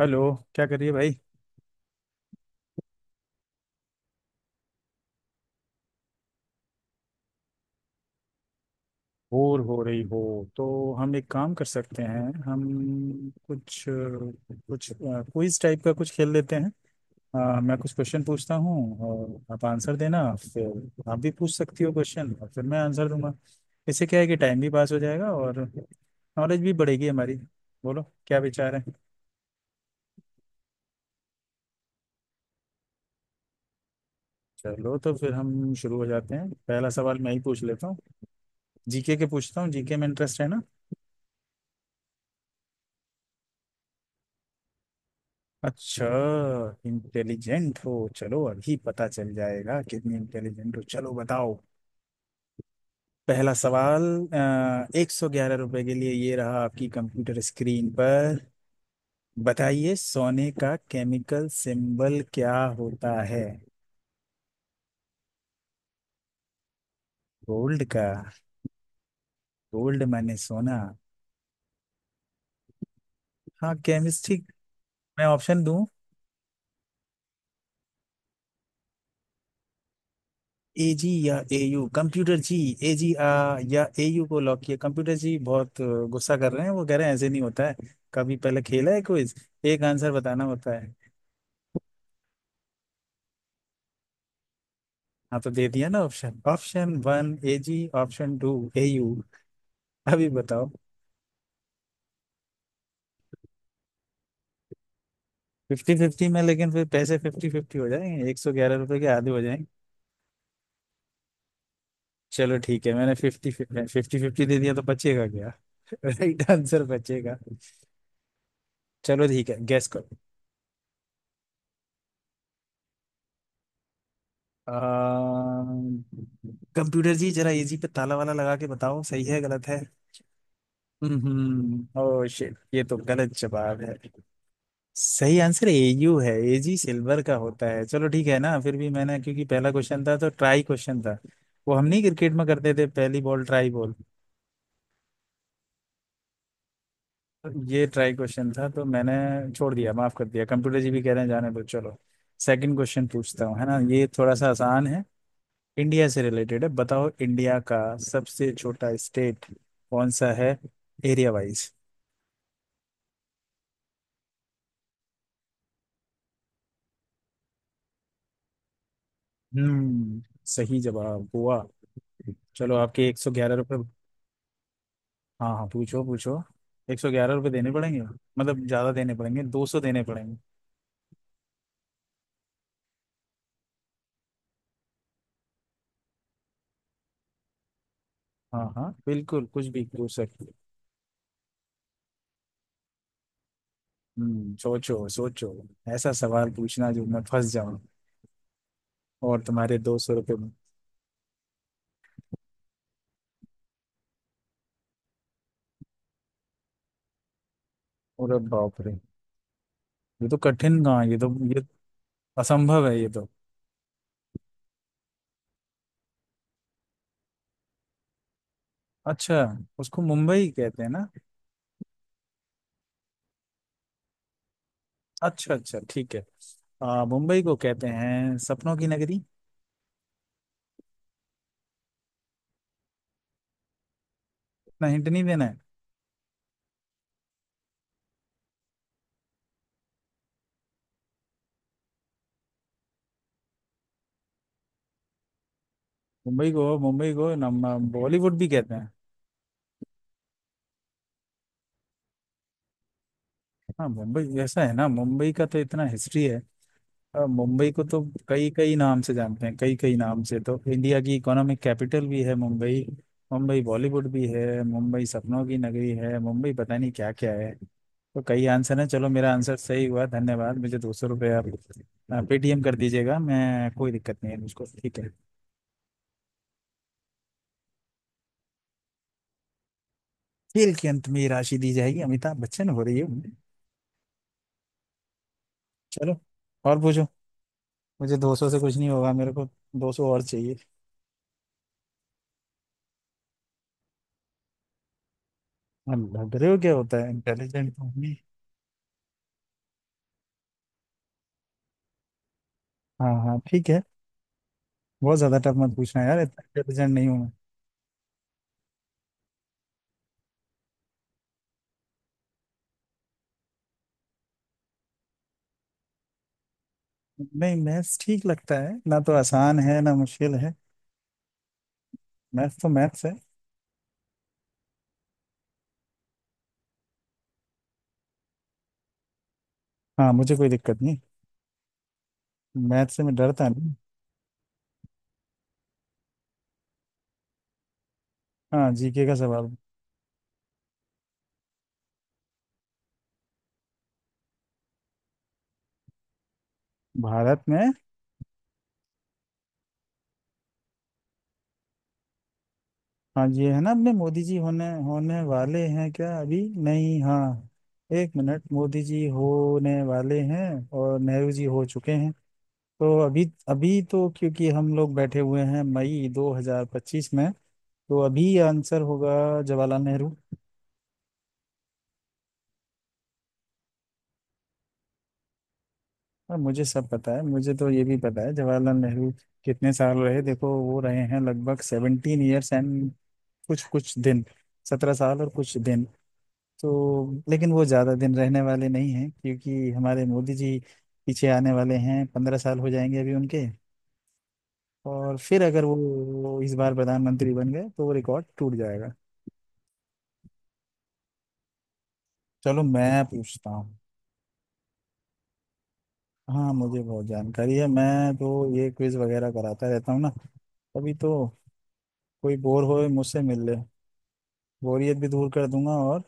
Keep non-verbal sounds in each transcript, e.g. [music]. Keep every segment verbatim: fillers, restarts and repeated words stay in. Hello. क्या कर रही है भाई। बोर हो रही हो तो हम एक काम कर सकते हैं। हम कुछ कुछ क्विज टाइप का कुछ खेल लेते हैं। अ, मैं कुछ क्वेश्चन पूछता हूँ और आप आंसर देना, फिर आप भी पूछ सकती हो क्वेश्चन और फिर मैं आंसर दूंगा। इससे क्या है कि टाइम भी पास हो जाएगा और नॉलेज भी बढ़ेगी हमारी। बोलो क्या विचार है। चलो तो फिर हम शुरू हो जाते हैं। पहला सवाल मैं ही पूछ लेता हूँ, जीके के पूछता हूँ। जीके में इंटरेस्ट है ना? अच्छा, इंटेलिजेंट हो। चलो अभी पता चल जाएगा कितनी इंटेलिजेंट हो। चलो बताओ, पहला सवाल एक सौ ग्यारह रुपए के लिए, ये रहा आपकी कंप्यूटर स्क्रीन पर। बताइए, सोने का केमिकल सिंबल क्या होता है? गोल्ड का, गोल्ड माने सोना। हाँ, केमिस्ट्री। मैं ऑप्शन दूं? एजी या एयू, कंप्यूटर जी एजी आ या एयू को लॉक किया। कंप्यूटर जी बहुत अ, गुस्सा कर रहे हैं। वो कह रहे हैं ऐसे नहीं होता है। कभी पहले खेला है क्विज? एक आंसर बताना होता है। हाँ, तो दे दिया ना option. Option one AG, option two AU. अभी बताओ। फिफ्टी फिफ्टी में, लेकिन फिर पैसे फिफ्टी फिफ्टी हो जाएंगे। एक सौ ग्यारह रुपए के आधे हो जाएंगे। चलो ठीक है, मैंने फिफ्टी फिफ्टी फिफ्टी दे दिया तो बचेगा क्या [laughs] राइट आंसर बचेगा। चलो ठीक है, गैस करो। कंप्यूटर जी, जरा इजी पे ताला वाला लगा के बताओ सही है गलत है। हम्म, ओह शिट, ये तो गलत जवाब है। सही आंसर एयू है, एजी सिल्वर का होता है। चलो ठीक है ना, फिर भी मैंने क्योंकि पहला क्वेश्चन था तो ट्राई क्वेश्चन था। वो हम नहीं क्रिकेट में करते थे, पहली बॉल ट्राई बॉल। ये ट्राई क्वेश्चन था तो मैंने छोड़ दिया, माफ कर दिया। कंप्यूटर जी भी कह रहे हैं जाने दो। चलो, सेकंड क्वेश्चन पूछता हूँ। है ना, ये थोड़ा सा आसान है। इंडिया से रिलेटेड है। बताओ, इंडिया का सबसे छोटा स्टेट कौन सा है, एरिया वाइज? हम्म, सही जवाब गोवा। चलो आपके एक सौ ग्यारह रुपये। हाँ हाँ, पूछो पूछो। एक सौ ग्यारह रुपये देने पड़ेंगे, मतलब ज्यादा देने पड़ेंगे, दो सौ देने पड़ेंगे। हाँ हाँ, बिल्कुल, कुछ भी पूछ सकते हो। हम्म, सोचो सोचो। ऐसा सवाल पूछना जो मैं फंस जाऊं और तुम्हारे दो सौ रुपये में। और बाप रे, ये तो कठिन कहाँ है, ये तो, ये असंभव है ये तो। अच्छा, उसको मुंबई कहते हैं ना। अच्छा अच्छा ठीक है। आ, मुंबई को कहते हैं सपनों की नगरी। इतना हिंट नहीं देना है। मुंबई को मुंबई को नम बॉलीवुड भी कहते हैं। हाँ मुंबई, ऐसा है ना, मुंबई का तो इतना हिस्ट्री है। आ, मुंबई को तो कई कई नाम से जानते हैं। कई कई नाम से, तो इंडिया की इकोनॉमिक कैपिटल भी है मुंबई, मुंबई बॉलीवुड भी है, मुंबई सपनों की नगरी है, मुंबई पता नहीं क्या क्या है। तो कई आंसर है। चलो मेरा आंसर सही हुआ, धन्यवाद। मुझे दो सौ रुपये आप पेटीएम कर दीजिएगा। मैं, कोई दिक्कत नहीं है मुझको, ठीक है। खेल के अंत में ये राशि दी जाएगी, अमिताभ बच्चन हो रही है उनमें। चलो और पूछो। मुझे दो सौ से कुछ नहीं होगा, मेरे को दो सौ और चाहिए। हम लग रहे हो क्या होता है, इंटेलिजेंट तो हूँ ही। हाँ हाँ ठीक है, बहुत ज्यादा टफ मत पूछना यार, इतना इंटेलिजेंट नहीं हूँ। मैं नहीं, मैथ्स ठीक लगता है ना तो, आसान है ना मुश्किल है, मैथ्स तो मैथ्स है। हाँ, मुझे कोई दिक्कत नहीं, मैथ्स से मैं डरता नहीं। हाँ, जीके का सवाल। भारत में, हाँ ये है ना, अपने मोदी जी होने होने वाले हैं क्या अभी? नहीं, हाँ एक मिनट, मोदी जी होने वाले हैं और नेहरू जी हो चुके हैं। तो अभी अभी तो, क्योंकि हम लोग बैठे हुए हैं मई दो हज़ार पच्चीस में, तो अभी आंसर होगा जवाहरलाल नेहरू। और मुझे सब पता है, मुझे तो ये भी पता है जवाहरलाल नेहरू कितने साल रहे। देखो, वो रहे हैं लगभग सेवनटीन ईयर्स एंड कुछ कुछ दिन, सत्रह साल और कुछ दिन। तो लेकिन वो ज़्यादा दिन रहने वाले नहीं हैं, क्योंकि हमारे मोदी जी पीछे आने वाले हैं। पंद्रह साल हो जाएंगे अभी उनके, और फिर अगर वो, वो इस बार प्रधानमंत्री बन गए तो वो रिकॉर्ड टूट जाएगा। चलो मैं पूछता हूँ। हाँ, मुझे बहुत जानकारी है, मैं तो ये क्विज वगैरह कराता रहता हूँ ना अभी तो। कोई बोर होए मुझसे मिल ले, बोरियत भी दूर कर दूंगा और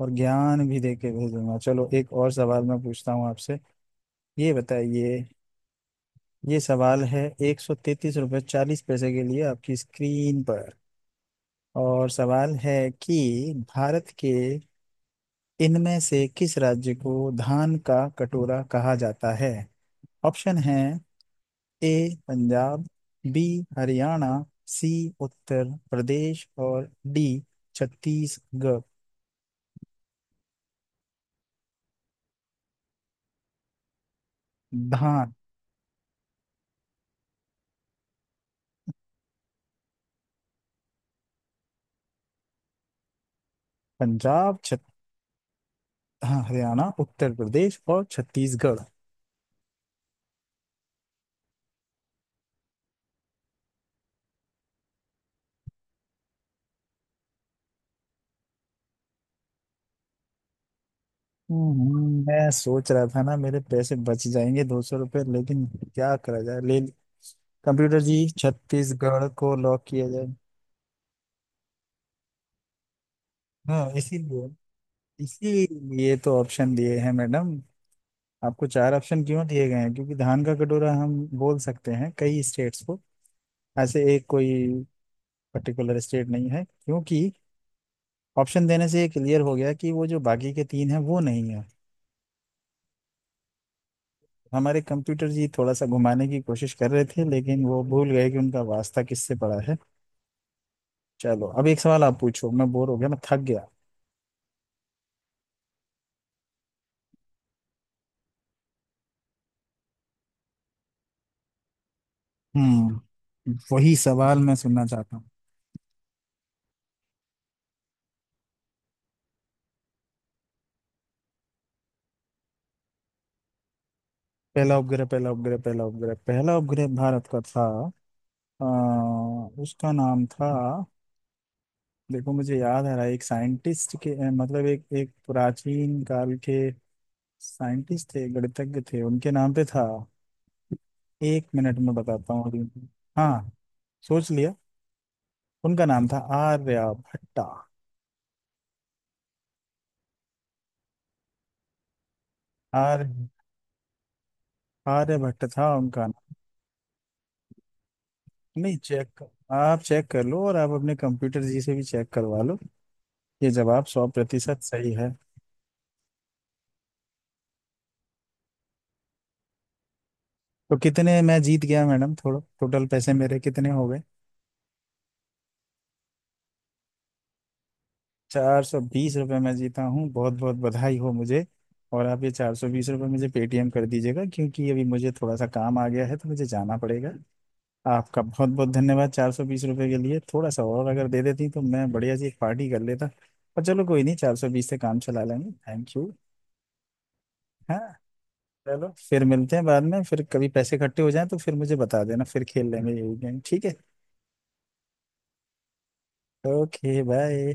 और ज्ञान भी दे के भेजूंगा। चलो एक और सवाल मैं पूछता हूँ आपसे। ये बताइए, ये सवाल है एक सौ तैतीस रुपये चालीस पैसे के लिए, आपकी स्क्रीन पर। और सवाल है कि भारत के इनमें से किस राज्य को धान का कटोरा कहा जाता है? ऑप्शन है, A Punjab, B Haryana, C Uttar Pradesh, और डी छत्तीसगढ़। धान। पंजाब, छत। हाँ, हरियाणा, उत्तर प्रदेश और छत्तीसगढ़। हम्म, हम्म, मैं सोच रहा था ना मेरे पैसे बच जाएंगे दो सौ रुपये, लेकिन क्या करा जाए। ले, कंप्यूटर जी, छत्तीसगढ़ को लॉक किया जाए। हाँ, इसीलिए इसीलिए तो ऑप्शन दिए हैं मैडम। आपको चार ऑप्शन क्यों दिए गए हैं? क्योंकि धान का कटोरा हम बोल सकते हैं कई स्टेट्स को। ऐसे एक कोई पर्टिकुलर स्टेट नहीं है, क्योंकि ऑप्शन देने से ये क्लियर हो गया कि वो जो बाकी के तीन हैं वो नहीं है। हमारे कंप्यूटर जी थोड़ा सा घुमाने की कोशिश कर रहे थे, लेकिन वो भूल गए कि उनका वास्ता किससे पड़ा है। चलो, अब एक सवाल आप पूछो, मैं बोर हो गया, मैं थक गया। हम्म, वही सवाल मैं सुनना चाहता हूँ। पहला उपग्रह पहला उपग्रह पहला उपग्रह पहला उपग्रह भारत का था। आ, उसका नाम था, देखो मुझे याद आ रहा है। एक साइंटिस्ट के अ, मतलब एक एक प्राचीन काल के साइंटिस्ट थे, गणितज्ञ थे, उनके नाम पे था। एक मिनट में बताता हूँ। हाँ, सोच लिया, उनका नाम था आर्य भट्टा। आर्य आर्य भट्ट था उनका नाम। नहीं, चेक, आप चेक कर लो और आप अपने कंप्यूटर जी से भी चेक करवा लो। ये जवाब सौ प्रतिशत सही है। तो कितने मैं जीत गया मैडम? थोड़ा टोटल पैसे मेरे कितने हो गए? चार सौ बीस रुपये मैं जीता हूँ, बहुत बहुत बधाई हो मुझे। और आप ये चार सौ बीस रुपये मुझे पेटीएम कर दीजिएगा, क्योंकि अभी मुझे थोड़ा सा काम आ गया है तो मुझे जाना पड़ेगा। आपका बहुत बहुत धन्यवाद। चार सौ बीस रुपये के लिए, थोड़ा सा और अगर दे देती तो मैं बढ़िया सी एक पार्टी कर लेता, पर चलो कोई नहीं, चार सौ बीस से काम चला लेंगे, थैंक यू। हाँ, चलो फिर मिलते हैं बाद में। फिर कभी पैसे इकट्ठे हो जाएं तो फिर मुझे बता देना, फिर खेल लेंगे यही गेम, ठीक है? Okay bye.